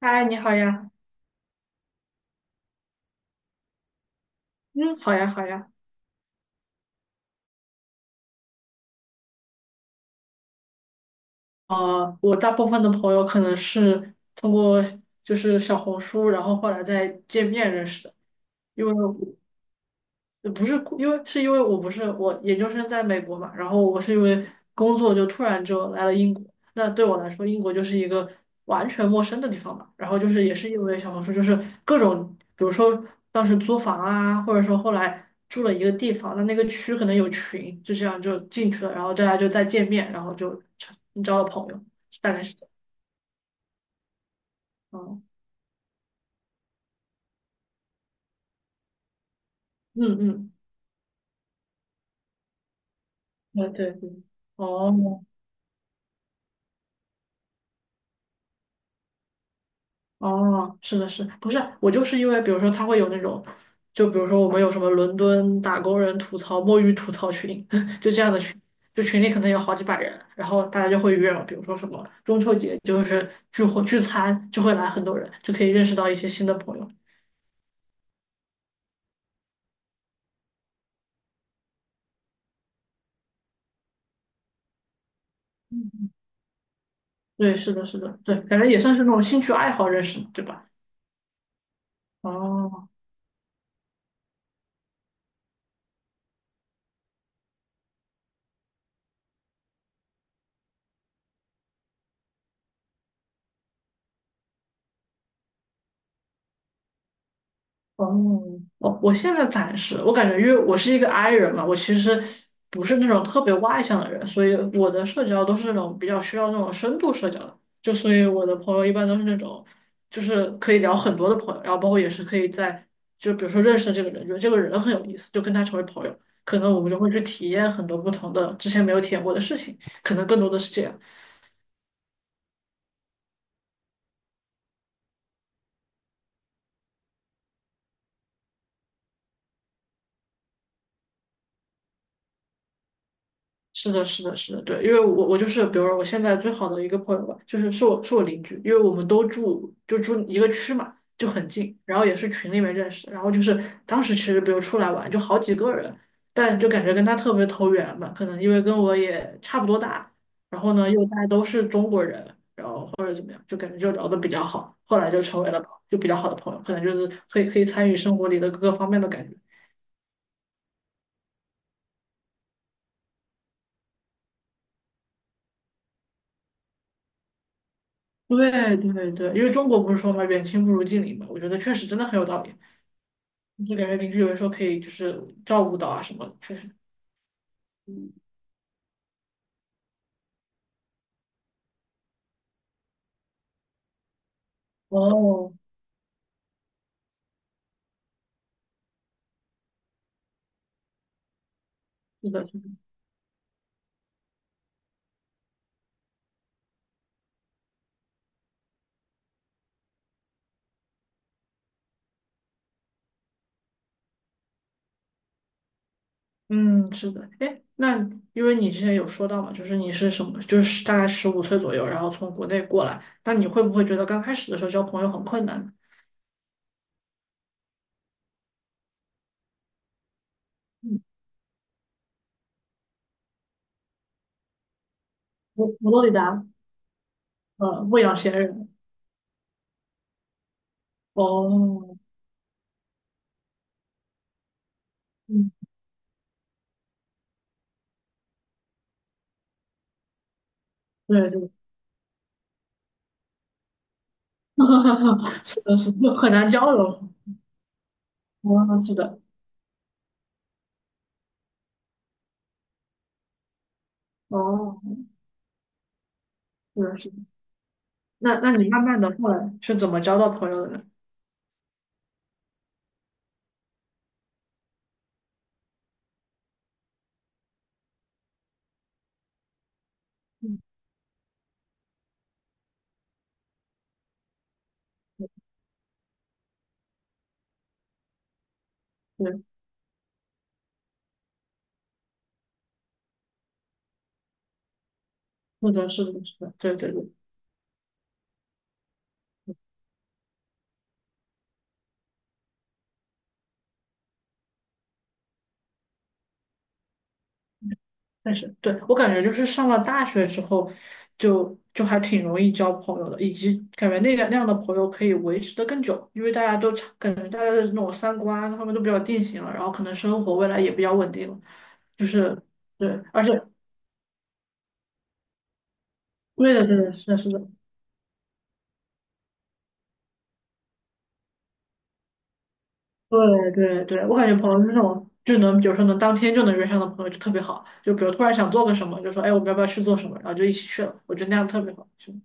嗨，你好呀。嗯，好呀，好呀。我大部分的朋友可能是通过就是小红书，然后后来再见面认识的，因为也不是因为我不是我研究生在美国嘛，然后我是因为工作就突然就来了英国。那对我来说，英国就是一个完全陌生的地方嘛。然后就是也是因为小红书，就是各种，比如说当时租房啊，或者说后来住了一个地方，那个区可能有群，就这样就进去了，然后大家就再见面，然后就成交了朋友，大概是这样。嗯嗯嗯，对对对，哦。哦，是的是，不是我就是因为，比如说他会有那种，就比如说我们有什么伦敦打工人吐槽、摸鱼吐槽群，就这样的群，就群里可能有好几百人，然后大家就会约，比如说什么中秋节就是聚会聚餐，就会来很多人，就可以认识到一些新的朋友。对，是的，是的，对，感觉也算是那种兴趣爱好认识，对吧？哦，哦，我现在暂时，我感觉因为我是一个 I 人嘛，我其实不是那种特别外向的人，所以我的社交都是那种比较需要那种深度社交的，就所以我的朋友一般都是那种，就是可以聊很多的朋友，然后包括也是可以在，就比如说认识这个人，觉得这个人很有意思，就跟他成为朋友，可能我们就会去体验很多不同的之前没有体验过的事情，可能更多的是这样。是的，是的，是的，对，因为我就是，比如说我现在最好的一个朋友吧，就是是我邻居，因为我们都住就住一个区嘛，就很近，然后也是群里面认识然后就是当时其实比如出来玩就好几个人，但就感觉跟他特别投缘嘛，可能因为跟我也差不多大，然后呢又大家都是中国人，然后或者怎么样，就感觉就聊得比较好，后来就成为了就比较好的朋友，可能就是可以参与生活里的各个方面的感觉。对对对，因为中国不是说嘛，远亲不如近邻嘛，我觉得确实真的很有道理。就感觉邻居有的时候可以就是照顾到啊什么的确实。嗯哦，是的，是的，嗯，是的。哎，那因为你之前有说到嘛，就是你是什么，就是大概15岁左右，然后从国内过来，那你会不会觉得刚开始的时候交朋友很困难呢？嗯，佛罗里达，未养闲人。哦，嗯，对对，是的，是的，很难交流。哦，是的，哦，是的，是的。那你慢慢的后来是怎么交到朋友的呢？嗯，对，是的，是的，是的，对对对，但是对我感觉就是上了大学之后就还挺容易交朋友的，以及感觉那样的朋友可以维持的更久，因为大家都差感觉大家的那种三观各方面都比较定型了，然后可能生活未来也比较稳定了，就是对，而且对的，对的，是的，是的，对对对，我感觉朋友是那种就能，比如说能当天就能约上的朋友就特别好，就比如突然想做个什么，就说哎，我们要不要去做什么，然后就一起去了，我觉得那样特别好。是的，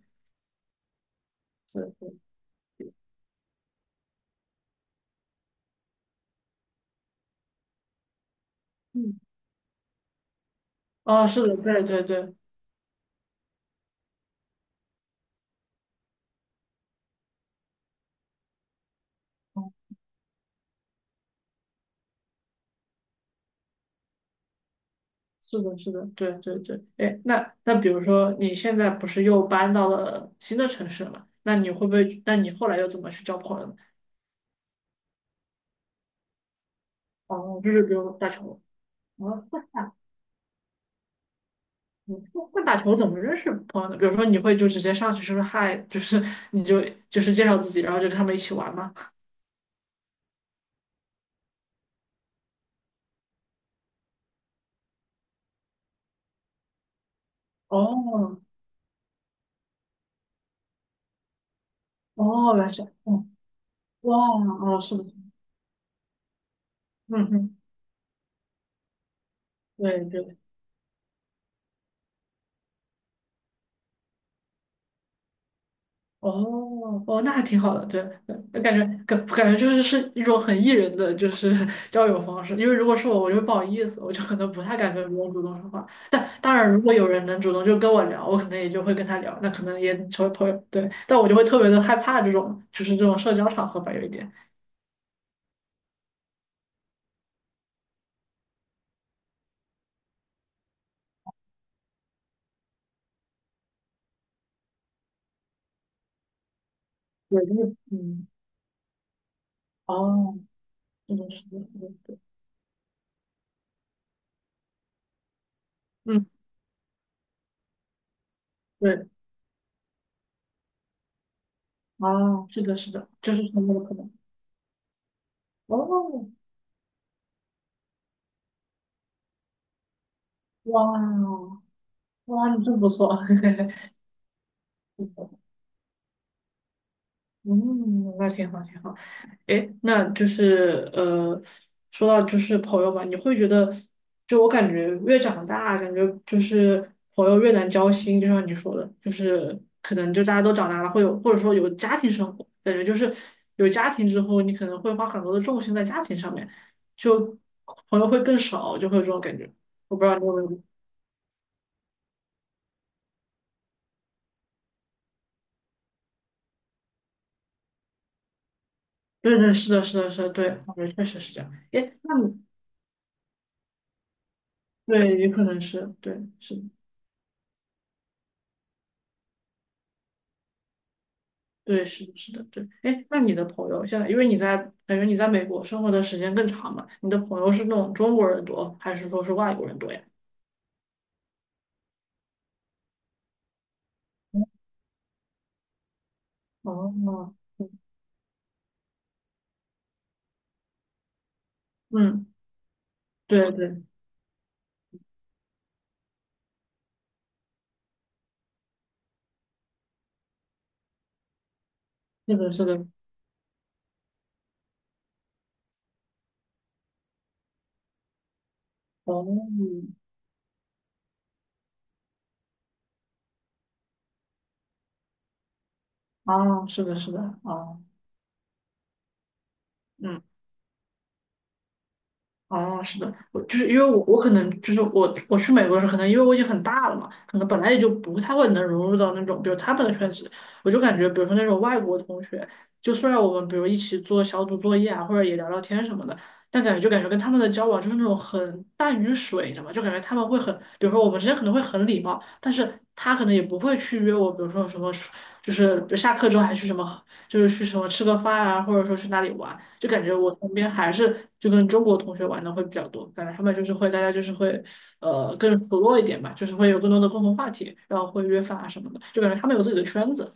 对对，嗯，哦，是的，对对对，哦，是的，是的，对对对，哎，那比如说你现在不是又搬到了新的城市了嘛？那你会不会？那你后来又怎么去交朋友呢？哦，就是比如打球。哦嗯那打球怎么认识朋友呢？比如说，你会就直接上去说嗨，就是你就是介绍自己，然后就跟他们一起玩吗？哦哦，原来是，嗯，哇，哦，是的，嗯哼，对对，哦哦，那还挺好的，对对，感觉就是是一种很 E 人的就是 交友方式，因为如果是我，我就会不好意思，我就可能不太敢跟别人主动说话。但当然，如果有人能主动就跟我聊，我可能也就会跟他聊，那可能也成为朋友。对，但我就会特别的害怕这种社交场合吧，有一点。对，就是嗯，哦，这种是的，是的对，嗯，对，啊，是的，是的，就是很有可能。哦，哇哦哇，你真不错。嗯，那挺好，挺好。诶，那就是说到就是朋友吧，你会觉得，就我感觉越长大，感觉就是朋友越难交心，就像你说的，就是可能就大家都长大了，会有或者说有家庭生活，感觉就是有家庭之后，你可能会花很多的重心在家庭上面，就朋友会更少，就会有这种感觉。我不知道你有没有？对对，是的，是的，是的，对，我觉得确实是这样。诶，那你对，也可能是对，是的。对，是的，是的，对。哎，那你的朋友现在，因为感觉你在美国生活的时间更长嘛，你的朋友是那种中国人多，还是说是外国人多呀？哦，嗯，对对，是的，是的，哦，啊，是的，是的，啊，嗯。哦，是的，我就是因为我可能就是我去美国的时候，可能因为我已经很大了嘛，可能本来也就不太会能融入到那种比如他们的圈子，我就感觉比如说那种外国同学，就虽然我们比如一起做小组作业啊，或者也聊聊天什么的，但感觉跟他们的交往就是那种很淡于水，你知道吗？就感觉他们会很，比如说我们之间可能会很礼貌，但是他可能也不会去约我，比如说什么就是比如下课之后还去什么。就是去什么吃个饭啊，或者说去哪里玩，就感觉我身边还是就跟中国同学玩的会比较多，感觉他们就是会大家就是会更熟络一点吧，就是会有更多的共同话题，然后会约饭啊什么的，就感觉他们有自己的圈子。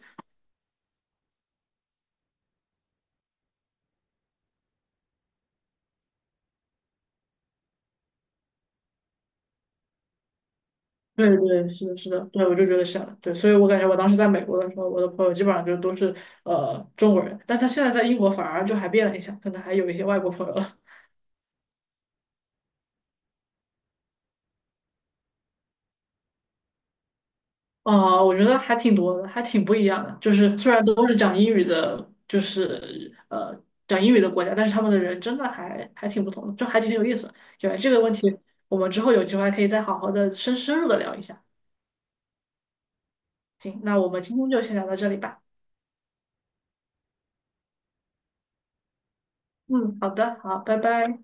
对对，是的，是的，对，我就觉得是的，对，所以我感觉我当时在美国的时候，我的朋友基本上就都是中国人，但他现在在英国反而就还变了一下，可能还有一些外国朋友了。啊，我觉得还挺多的，还挺不一样的。就是虽然都是讲英语的，就是讲英语的国家，但是他们的人真的还挺不同的，就还挺有意思。对，这个问题我们之后有机会还可以再好好的深入的聊一下。行，那我们今天就先聊到这里吧。嗯，好的，好，拜拜。